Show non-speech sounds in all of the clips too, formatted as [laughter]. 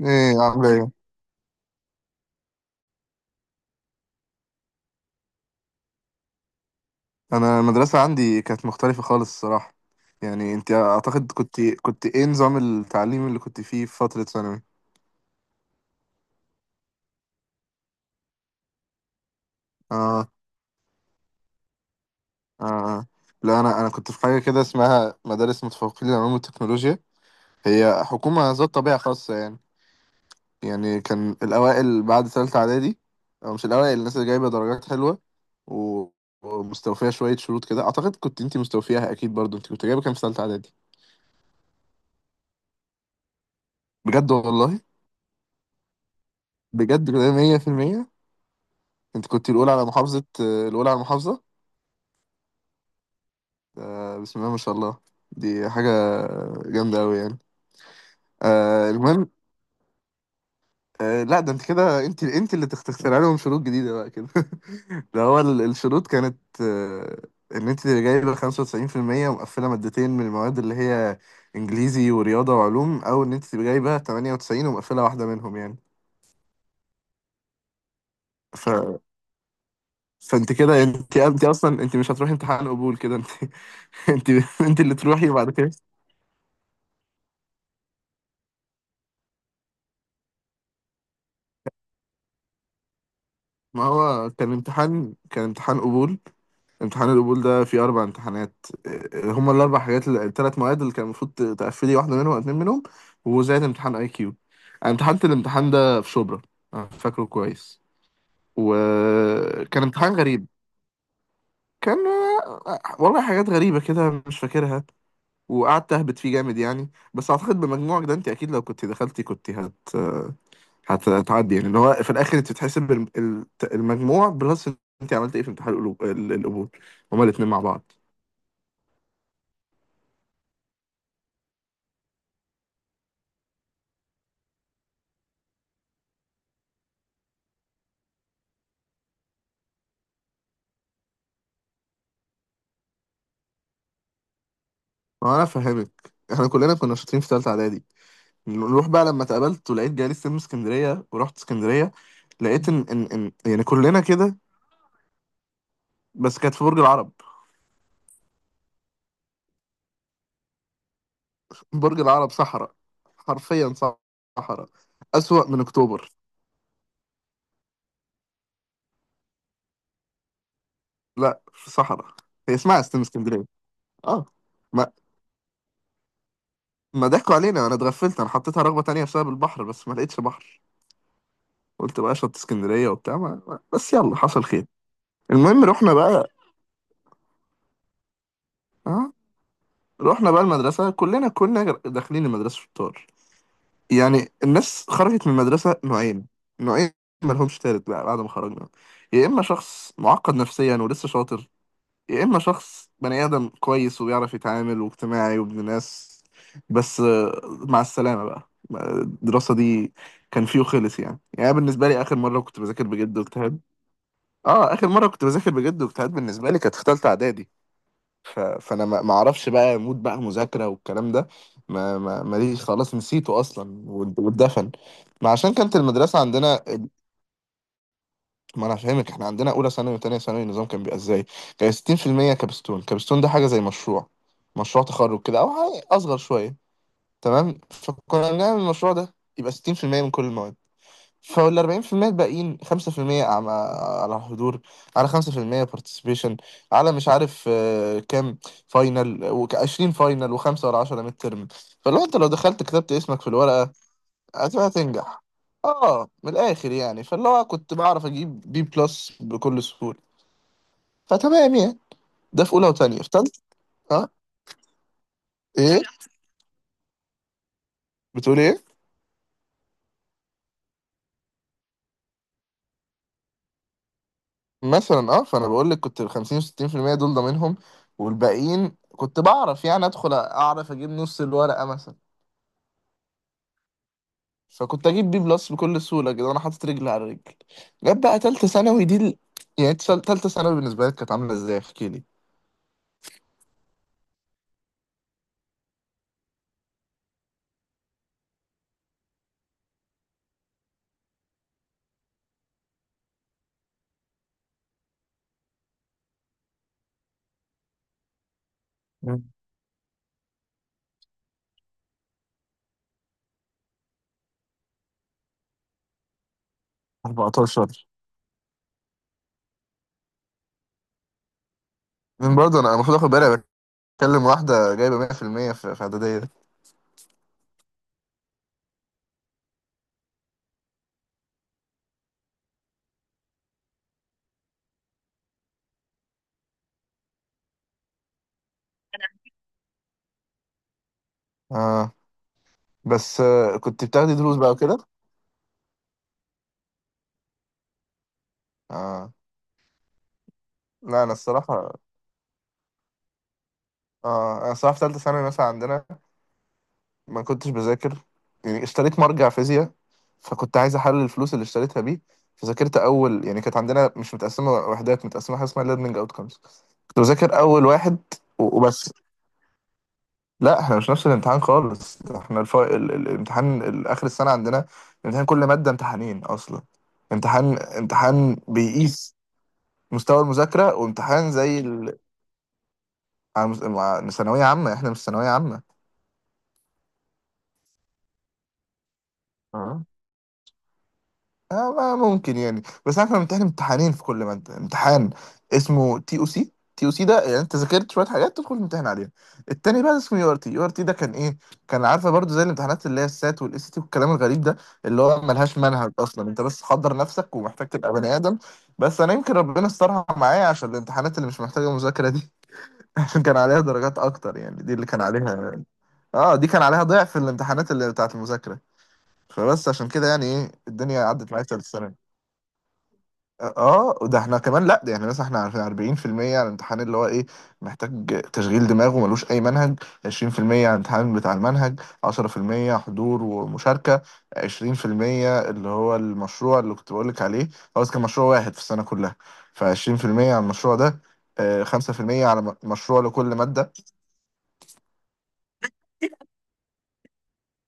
ايه عاملة ايه؟ انا المدرسة عندي كانت مختلفة خالص الصراحة. يعني انت اعتقد كنت ايه نظام التعليم اللي كنت فيه في فترة ثانوي؟ اه اه آه. لا انا كنت في حاجة كده اسمها مدارس متفوقين للعلوم والتكنولوجيا، هي حكومة ذات طبيعة خاصة يعني. يعني كان الاوائل بعد ثالثة اعدادي، او مش الاوائل، الناس اللي جايبة درجات حلوة و... ومستوفية شوية شروط كده، اعتقد كنت انت مستوفياها اكيد برضو. انت كنت جايبة كام في ثالثة اعدادي؟ بجد والله؟ بجد كده 100%؟ انت كنت الاولى على محافظه، الاولى على المحافظه. آه بسم الله ما شاء الله، دي حاجه جامده قوي يعني. آه المهم، آه لا ده انت كده، انت اللي تخترع لهم شروط جديده بقى كده [laughs] ده هو الشروط كانت آه، ان انت اللي جايبه 95% ومقفله مادتين من المواد، اللي هي انجليزي ورياضه وعلوم، او ان انت تبقى جايبه 98 ومقفله واحده منهم يعني. ف... فانت كده، انت انت اصلا انت مش هتروحي امتحان قبول كده انت [laughs] انت انت اللي تروحي وبعد كده. ما هو كان كان امتحان قبول. امتحان القبول ده فيه أربع امتحانات إيه، هما الأربع حاجات الثلاث مواد اللي كان المفروض تقفلي واحدة منهم أو اتنين منهم، وزائد امتحان أي كيو. أنا امتحنت الامتحان ده في شبرا، أنا فاكره كويس، وكان امتحان غريب. كان آه، والله حاجات غريبة كده مش فاكرها، وقعدت أهبط فيه جامد يعني. بس أعتقد بمجموعك ده أنت أكيد لو كنت دخلتي كنت هت آه، هتعدي يعني. اللي هو في الاخر انت بتحسب المجموع بلس. انت عملت ايه في امتحان القبول؟ هما الاثنين مع بعض. ما انا فاهمك، احنا كلنا كنا شاطرين في ثالثه اعدادي. نروح بقى، لما اتقابلت ولقيت جالي سلم اسكندريه ورحت اسكندريه، لقيت ان يعني كلنا كده. بس كانت في برج العرب. برج العرب صحراء، حرفيا صحراء، اسوأ من اكتوبر. لا في صحراء، هي اسمها سلم اسكندريه. اه. ما ضحكوا علينا، انا اتغفلت، انا حطيتها رغبه تانية بسبب البحر، بس ما لقيتش بحر. قلت بقى شط اسكندرية وبتاع بس يلا حصل خير. المهم رحنا بقى. اه رحنا بقى المدرسة، كلنا كنا داخلين المدرسة شطار. يعني الناس خرجت من المدرسة نوعين، نوعين مالهمش تالت بقى بعد ما خرجنا: يا إما شخص معقد نفسيا ولسه شاطر، يا إما شخص بني آدم كويس وبيعرف يتعامل واجتماعي وابن ناس. بس آه، مع السلامة بقى الدراسة دي. كان فيه خلص يعني، يعني بالنسبة لي آخر مرة كنت بذاكر بجد واجتهاد، اه اخر مره كنت بذاكر بجد واجتهاد بالنسبه لي، كانت في ثالثه اعدادي. فانا ما اعرفش بقى مود بقى مذاكره والكلام ده، ما ماليش، خلاص نسيته اصلا واتدفن. ما عشان كانت المدرسه عندنا، ما انا فاهمك، احنا عندنا اولى ثانوي وثانيه ثانوي النظام كان بيبقى ازاي؟ كان 60% كابستون. كابستون ده حاجه زي مشروع، مشروع تخرج كده او حاجه اصغر شويه. تمام. فكنا بنعمل المشروع ده يبقى 60% من كل المواد. فال 40% الباقيين: 5% على على حضور، على 5% بارتيسيبيشن، على مش عارف آه، كام فاينل، و20 فاينل، و5 ولا 10 ميد ترم. فلو انت لو دخلت كتبت اسمك في الورقة هتبقى تنجح. اه من الاخر يعني. فاللي هو كنت بعرف اجيب بي بلس بكل سهولة. فتمام يعني. ده في اولى وتانية، في تالتة. اه. ايه بتقول ايه؟ مثلا اه، فانا بقول لك كنت ال 50 و60% دول ضامنهم، والباقيين كنت بعرف يعني ادخل اعرف اجيب نص الورقة مثلا. فكنت اجيب بي بلس بكل سهوله كده وانا حاطط رجل على رجل. جت بقى تالته ثانوي دي يعني إنت تالته ثانوي بالنسبه لك كانت عامله ازاي احكي لي. مم. 14؟ من برضه انا المفروض اخد بالي، بتكلم واحده جايبه 100% في المية في في اعداديه دي. اه بس آه كنت بتاخدي دروس بقى وكده. اه لا انا الصراحه، اه انا الصراحه في ثالثه ثانوي مثلا عندنا ما كنتش بذاكر. يعني اشتريت مرجع فيزياء، فكنت عايز احلل الفلوس اللي اشتريتها بيه. فذاكرت اول، يعني كانت عندنا مش متقسمه وحدات، متقسمه حاجه اسمها ليرنينج اوتكمز، كنت بذاكر اول واحد وبس. لا احنا مش نفس الامتحان خالص، احنا الامتحان اخر السنه عندنا امتحان كل ماده امتحانين اصلا. امتحان بيقيس مستوى المذاكره، وامتحان زي ثانويه عامه. احنا مش ثانويه عامه. اه آه. ما ممكن يعني، بس احنا بنمتحن امتحانين في كل مادة. امتحان اسمه تي او سي. تي او سي ده يعني انت ذاكرت شوية حاجات تدخل الامتحان عليها. التاني بقى اسمه يو ار تي. يو ار تي ده كان ايه؟ كان عارفة برضو زي الامتحانات اللي هي السات والاس تي والكلام الغريب ده، اللي هو ملهاش منهج اصلا، انت بس حضر نفسك ومحتاج تبقى بني ادم. بس انا يمكن ربنا استرها معايا عشان الامتحانات اللي مش محتاجة مذاكرة دي [laughs] عشان كان عليها درجات اكتر يعني، دي اللي كان عليها، اه دي كان عليها ضعف الامتحانات اللي بتاعت المذاكرة. فبس عشان كده يعني ايه الدنيا عدت معايا في ثالث سنة. اه ده احنا كمان، لا ده يعني مثلا احنا عارفين 40% على الامتحان اللي هو ايه، محتاج تشغيل دماغ وملوش اي منهج. 20% على الامتحان بتاع المنهج. 10% حضور ومشاركة. 20% اللي هو المشروع اللي كنت بقولك عليه، هو بس كان مشروع واحد في السنة كلها، ف20% على المشروع ده. آه، 5% على مشروع لكل مادة.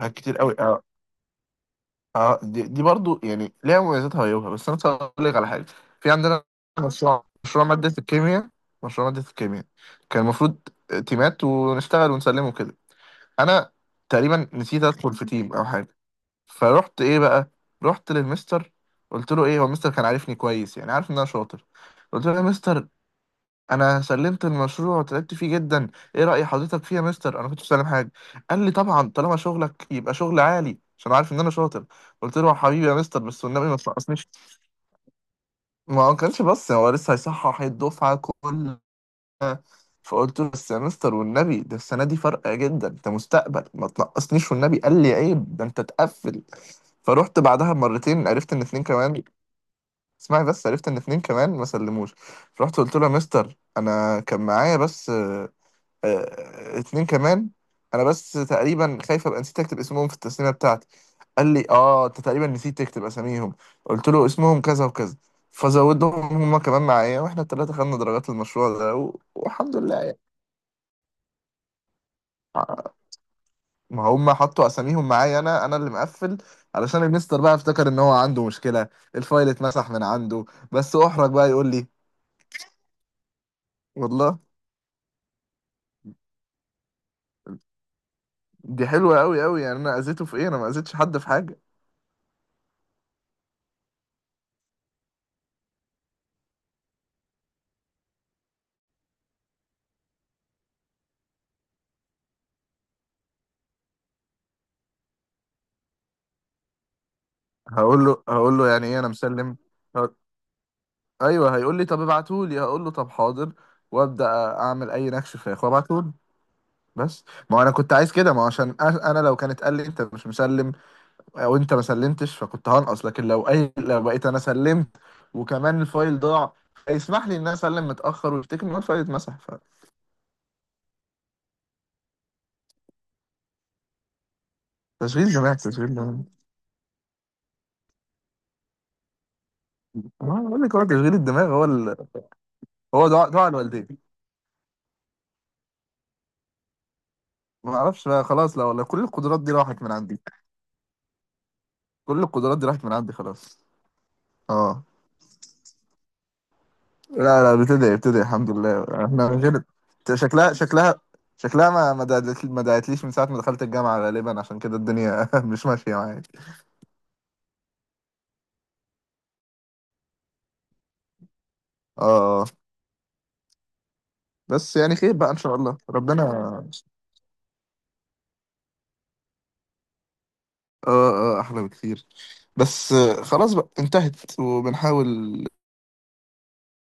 حاجات كتير قوي. اه دي برضو يعني ليها مميزاتها وعيوبها. بس انا هقول لك على حاجه. في عندنا مشروع ماده الكيمياء، مشروع ماده الكيمياء كان المفروض تيمات ونشتغل ونسلمه كده. انا تقريبا نسيت ادخل في تيم او حاجه. فروحت ايه بقى، رحت للمستر قلت له ايه. هو المستر كان عارفني كويس، يعني عارف ان انا شاطر. قلت له يا مستر انا سلمت المشروع وتعبت فيه جدا، ايه رأي حضرتك فيه يا مستر؟ انا كنت بسلم حاجه. قال لي طبعا طالما شغلك يبقى شغل عالي، عشان عارف ان انا شاطر. قلت له يا حبيبي يا مستر بس والنبي ما تنقصنيش. ما هو كانش بس هو لسه هيصحح الدفعه كلها. فقلت له بس يا مستر والنبي ده السنه دي فرقه جدا انت مستقبل ما تنقصنيش والنبي. قال لي عيب ده انت تقفل. فروحت بعدها مرتين عرفت ان اتنين كمان. اسمعي بس، عرفت ان اتنين كمان ما سلموش. فرحت قلت له يا مستر انا كان معايا بس آه، اتنين كمان. انا بس تقريبا خايف ابقى نسيت اكتب اسمهم في التسليمه بتاعتي. قال لي اه انت تقريبا نسيت تكتب اساميهم. قلت له اسمهم كذا وكذا، فزودهم، هما كمان معايا، واحنا التلاته خدنا درجات المشروع ده والحمد لله يعني. ما هم حطوا اساميهم معايا، انا اللي مقفل، علشان المستر بقى افتكر ان هو عنده مشكله، الفايل اتمسح من عنده، بس احرج بقى يقول لي. والله دي حلوه قوي قوي يعني، انا اذيته في ايه؟ انا ما اذيتش حد في حاجه. هقول له يعني ايه انا مسلم. ايوه هيقول لي طب ابعتهولي، هقول له طب حاضر، وابدا اعمل اي نكش فراخ وابعتهولي بس. ما هو انا كنت عايز كده، ما هو عشان انا لو كانت قال لي انت مش مسلم او انت ما سلمتش فكنت هنقص، لكن لو اي لو بقيت انا سلمت وكمان الفايل ضاع، يسمح لي ان انا اسلم متاخر ويفتكر ان هو الفايل اتمسح. فتشغيل دماغ تشغيل دماغ. ما بقول لك هو تشغيل الدماغ هو هو دعاء الوالدين. ما اعرفش بقى خلاص، لا والله كل القدرات دي راحت من عندي، كل القدرات دي راحت من عندي خلاص. اه. لا لا بتدعي بتدعي الحمد لله، احنا من غير. شكلها شكلها، شكلها ما ما دعتليش من ساعة ما دخلت الجامعة غالبا، عشان كده الدنيا [laughs] مش ماشية معايا. اه آه. بس يعني خير بقى ان شاء الله ربنا. اه اه احلى بكتير. بس آه، خلاص بقى انتهت وبنحاول.